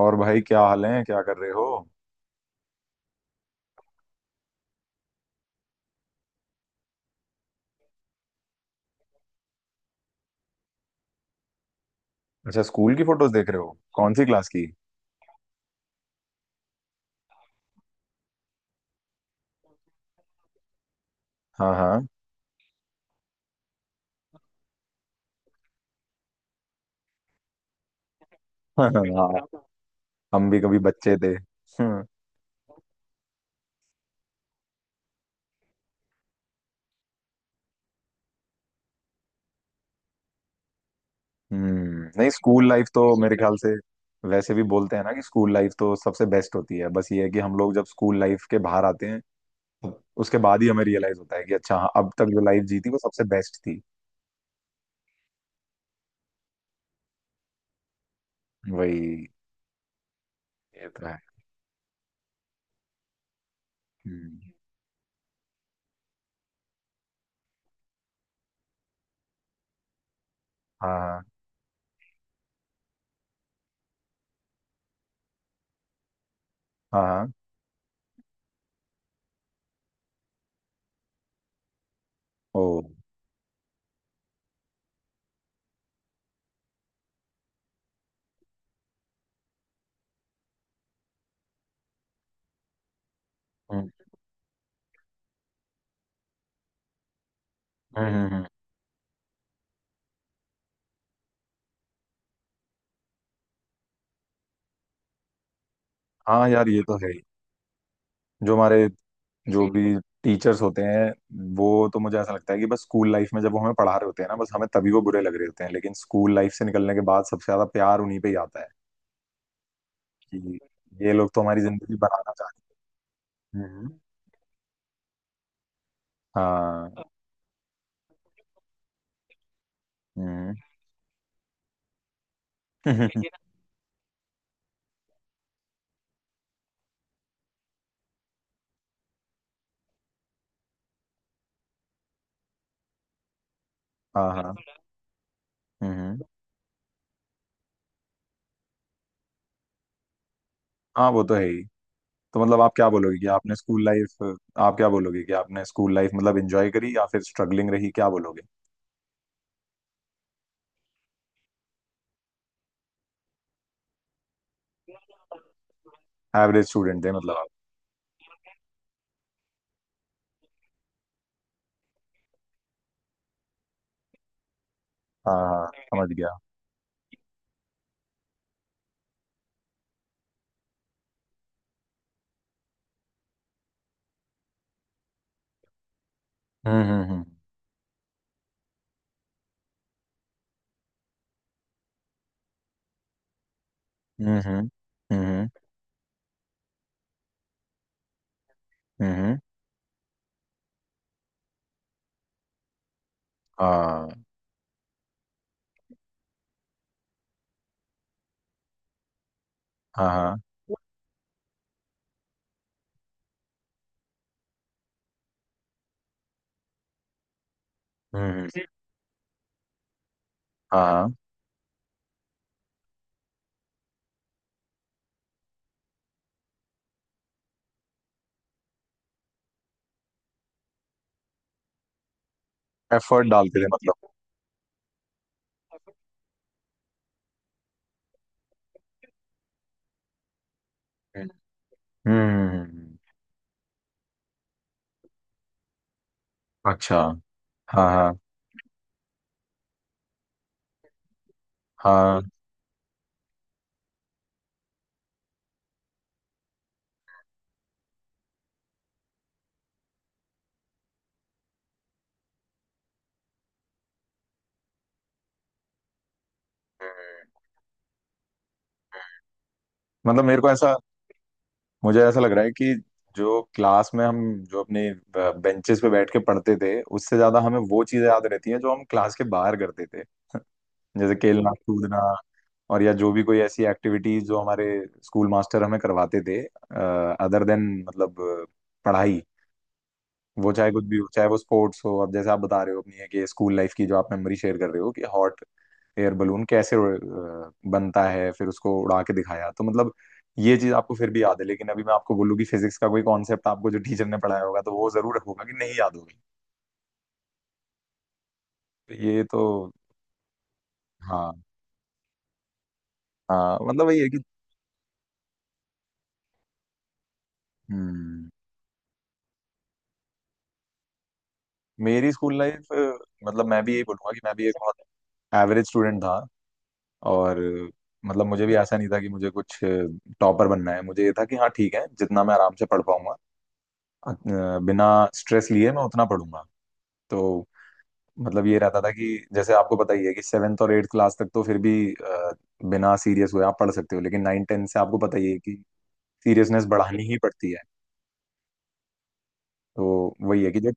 और भाई, क्या हाल है? क्या कर रहे हो? अच्छा, स्कूल की फोटोज देख रहे हो? कौन सी क्लास की? हाँ, हाँ। हाँ। हम भी कभी बच्चे थे। हम्म। नहीं, स्कूल लाइफ तो मेरे ख्याल से वैसे भी बोलते हैं ना कि स्कूल लाइफ तो सबसे बेस्ट होती है। बस ये है कि हम लोग जब स्कूल लाइफ के बाहर आते हैं, उसके बाद ही हमें रियलाइज होता है कि अच्छा हाँ, अब तक जो लाइफ जी थी वो सबसे बेस्ट थी। वही। ये तो है। हम्म। हाँ, हाँ। हाँ, हाँ। ओ। हम्म। हम्म। हम्म। हम्म। हाँ यार, ये तो है ही। जो हमारे जो भी टीचर्स होते हैं, वो तो मुझे ऐसा लगता है कि बस स्कूल लाइफ में जब वो हमें पढ़ा रहे होते हैं ना, बस हमें तभी वो बुरे लग रहे होते हैं, लेकिन स्कूल लाइफ से निकलने के बाद सबसे ज्यादा प्यार उन्हीं पे ही आता है। कि ये लोग तो हमारी जिंदगी बनाना चाहते हैं। हम्म। हाँ। हम्म। हाँ। हाँ। हम्म। हम्म। हाँ, वो तो है ही। तो मतलब आप क्या बोलोगे कि आपने स्कूल लाइफ मतलब एंजॉय करी या फिर स्ट्रगलिंग रही? क्या बोलोगे? एवरेज स्टूडेंट थे मतलब आप? हाँ, हाँ, समझ गया। हम्म। हम्म। हम्म। हम्म। हम्म। हम्म। हम्म। हम्म। हाँ, हाँ। हाँ। हम्म। हम्म। हाँ, हाँ। एफर्ट डालते थे मतलब? हम्म। हम्म। अच्छा। हाँ, हाँ। हाँ। मतलब मेरे को ऐसा मुझे ऐसा लग रहा है कि जो क्लास में हम जो अपने बेंचेस पे बैठ के पढ़ते थे, उससे ज्यादा हमें वो चीजें याद रहती हैं जो हम क्लास के बाहर करते थे। जैसे खेलना कूदना, और या जो भी कोई ऐसी एक्टिविटीज जो हमारे स्कूल मास्टर हमें करवाते थे, अदर देन मतलब पढ़ाई। वो चाहे कुछ भी हो, चाहे वो स्पोर्ट्स हो। अब जैसे आप बता रहे हो अपनी, है कि स्कूल लाइफ की जो आप मेमोरी शेयर कर रहे हो कि हॉट एयर बलून कैसे बनता है, फिर उसको उड़ा के दिखाया, तो मतलब ये चीज आपको फिर भी याद है, लेकिन अभी मैं आपको बोलूँ कि फिजिक्स का कोई कॉन्सेप्ट आपको जो टीचर ने पढ़ाया होगा, तो वो जरूर होगा कि नहीं याद होगी। तो ये तो। हाँ। हाँ, मतलब वही है कि। हम्म। मेरी स्कूल लाइफ। मतलब मैं भी यही बोलूंगा कि मैं भी एक बहुत एवरेज स्टूडेंट था। और मतलब मुझे भी ऐसा नहीं था कि मुझे कुछ टॉपर बनना है। मुझे ये था कि हाँ ठीक है, जितना मैं आराम से पढ़ पाऊंगा, अ, बिना स्ट्रेस लिए मैं उतना पढ़ूंगा। तो मतलब ये रहता था कि जैसे आपको पता ही है कि सेवेंथ और एट्थ क्लास तक तो फिर भी बिना सीरियस हुए आप पढ़ सकते हो, लेकिन नाइन टेंथ से आपको पता ही है कि सीरियसनेस बढ़ानी ही पड़ती है। तो वही है कि जो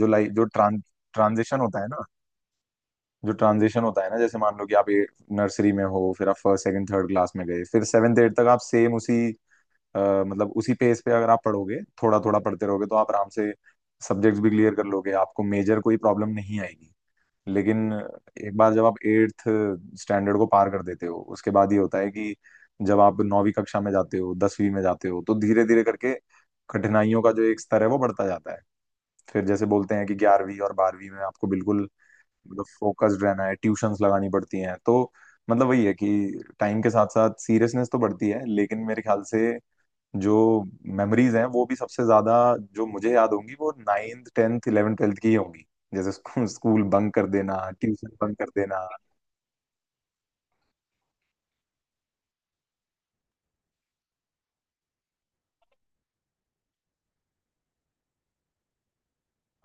जो लाइफ जो ट्रां ट्रांजिशन होता है ना, जो ट्रांजिशन होता है ना, जैसे मान लो कि आप नर्सरी में हो, फिर आप फर्स्ट सेकंड थर्ड क्लास में गए, फिर सेवेंथ एट तक आप सेम उसी, अ, मतलब उसी पेस पे अगर आप पढ़ोगे, थोड़ा थोड़ा पढ़ते रहोगे, तो आप आराम से सब्जेक्ट्स भी क्लियर कर लोगे, आपको मेजर कोई प्रॉब्लम नहीं आएगी। लेकिन एक बार जब आप एट्थ स्टैंडर्ड को पार कर देते हो, उसके बाद ये होता है कि जब आप नौवीं कक्षा में जाते हो, दसवीं में जाते हो, तो धीरे धीरे करके कठिनाइयों का जो एक स्तर है वो बढ़ता जाता है। फिर जैसे बोलते हैं कि ग्यारहवीं और बारहवीं में आपको बिल्कुल मतलब फोकस्ड रहना है, ट्यूशंस लगानी पड़ती हैं। तो मतलब वही है कि टाइम के साथ साथ सीरियसनेस तो बढ़ती है, लेकिन मेरे ख्याल से जो मेमोरीज हैं वो भी सबसे ज्यादा जो मुझे याद होंगी वो नाइन्थ टेंथ इलेवेंथ ट्वेल्थ की ही होंगी। जैसे स्कूल स्कूल बंक कर देना, ट्यूशन बंक कर देना।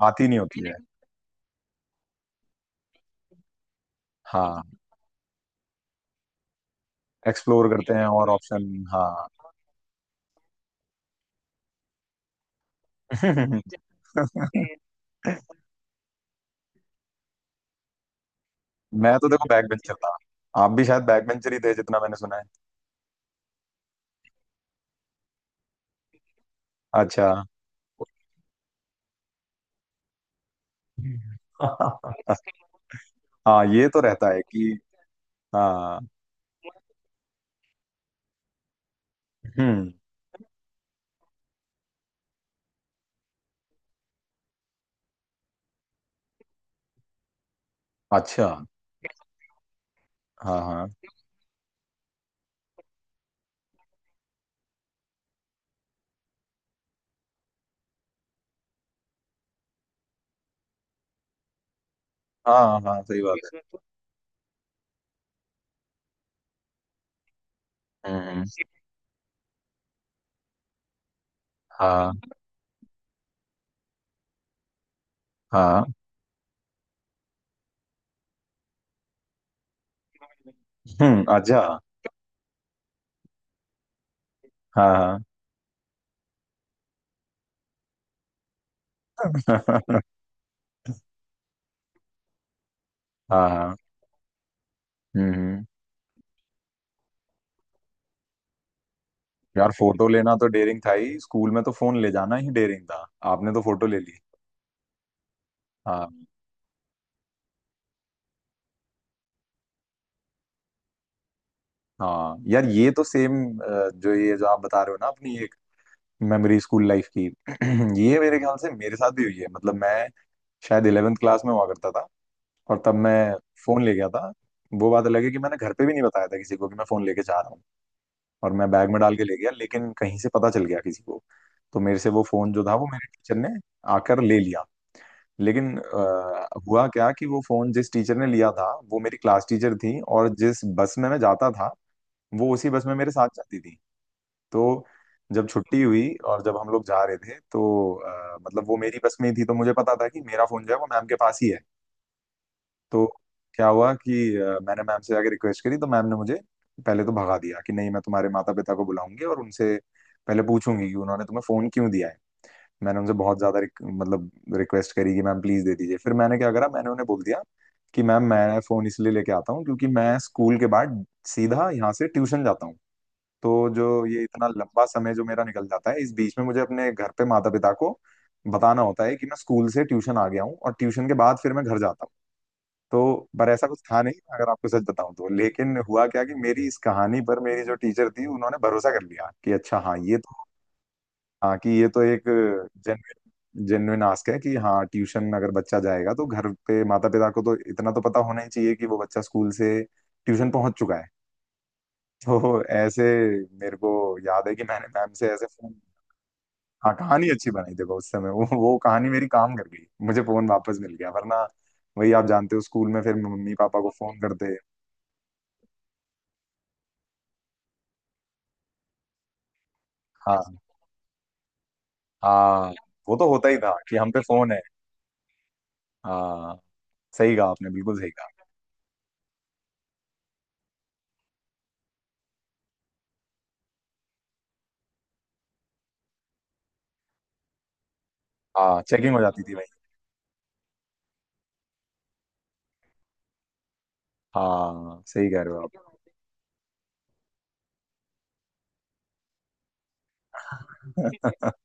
आती नहीं होती है। हाँ, एक्सप्लोर करते हैं और ऑप्शन। हाँ। मैं तो देखो बैक बेंचर था। आप भी शायद बैक बेंचर ही थे, जितना मैंने सुना है। अच्छा। हाँ, ये तो रहता है कि। हाँ। हम्म। अच्छा। हाँ, हाँ। हाँ। हाँ, सही बात है। हम्म। हाँ। हाँ। हम्म। अच्छा। हाँ, हाँ। हाँ, हाँ। हम्म। हम्म। यार, फोटो लेना तो डेयरिंग था ही, स्कूल में तो फोन ले जाना ही डेयरिंग था। आपने तो फोटो ले ली। हाँ। हाँ यार, ये तो सेम, जो ये जो आप बता रहे हो ना अपनी एक मेमोरी स्कूल लाइफ की, ये मेरे ख्याल से मेरे साथ भी हुई है। मतलब मैं शायद इलेवेंथ क्लास में हुआ करता था, और तब मैं फोन ले गया था। वो बात अलग है कि मैंने घर पे भी नहीं बताया था किसी को कि मैं फोन लेके जा रहा हूँ। और मैं बैग में डाल के ले गया, लेकिन कहीं से पता चल गया किसी को, तो मेरे से वो फोन जो था वो मेरे टीचर ने आकर ले लिया। लेकिन हुआ क्या कि वो फोन जिस टीचर ने लिया था वो मेरी क्लास टीचर थी, और जिस बस में मैं जाता था वो उसी बस में मेरे साथ जाती थी। तो जब छुट्टी हुई और जब हम लोग जा रहे थे तो मतलब वो मेरी बस में ही थी, तो मुझे पता था कि मेरा फोन जो है वो मैम के पास ही है। तो क्या हुआ कि मैंने मैम से जाके रिक्वेस्ट करी, तो मैम ने मुझे पहले तो भगा दिया कि नहीं, मैं तुम्हारे माता पिता को बुलाऊंगी और उनसे पहले पूछूंगी कि उन्होंने तुम्हें फोन क्यों दिया है। मैंने उनसे बहुत ज्यादा मतलब रिक्वेस्ट करी कि मैम प्लीज दे दीजिए। फिर मैंने क्या करा, मैंने उन्हें बोल दिया कि मैम मैं फोन इसलिए लेके आता हूँ क्योंकि मैं स्कूल के बाद सीधा यहाँ से ट्यूशन जाता हूँ। तो जो ये इतना लंबा समय जो मेरा निकल जाता है, इस बीच में मुझे अपने घर पे माता पिता को बताना होता है कि मैं स्कूल से ट्यूशन आ गया हूँ, और ट्यूशन के बाद फिर मैं घर जाता हूँ। तो पर ऐसा कुछ था नहीं, अगर आपको सच बताऊं तो, लेकिन हुआ क्या कि मेरी इस कहानी पर मेरी जो टीचर थी उन्होंने भरोसा कर लिया कि अच्छा हाँ ये तो। हाँ, कि ये तो एक जेन्युइन जेन्युइन आस्क है कि हाँ ट्यूशन अगर बच्चा जाएगा तो घर पे माता पिता को तो इतना तो पता होना ही चाहिए कि वो बच्चा स्कूल से ट्यूशन पहुंच चुका है। तो ऐसे मेरे को याद है कि मैंने मैम से ऐसे फोन। हाँ, कहानी अच्छी बनाई, देखो उस समय वो कहानी मेरी काम कर गई, मुझे फोन वापस मिल गया, वरना वही आप जानते हो स्कूल में फिर मम्मी पापा को फोन करते। हाँ। हाँ, वो तो होता ही था कि हम पे फोन है। हाँ सही कहा आपने, बिल्कुल सही कहा। हाँ, चेकिंग हो जाती थी। हाँ, सही कह रहे हो आप।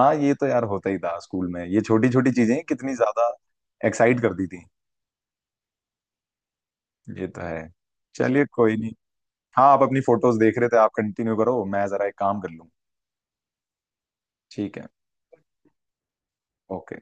हाँ ये तो यार होता ही था स्कूल में, ये छोटी छोटी चीजें कितनी ज्यादा एक्साइट करती थी। ये तो है। चलिए कोई नहीं। हाँ, आप अपनी फोटोज देख रहे थे, आप कंटिन्यू करो, मैं जरा एक काम कर लूँ। ठीक है। ओके।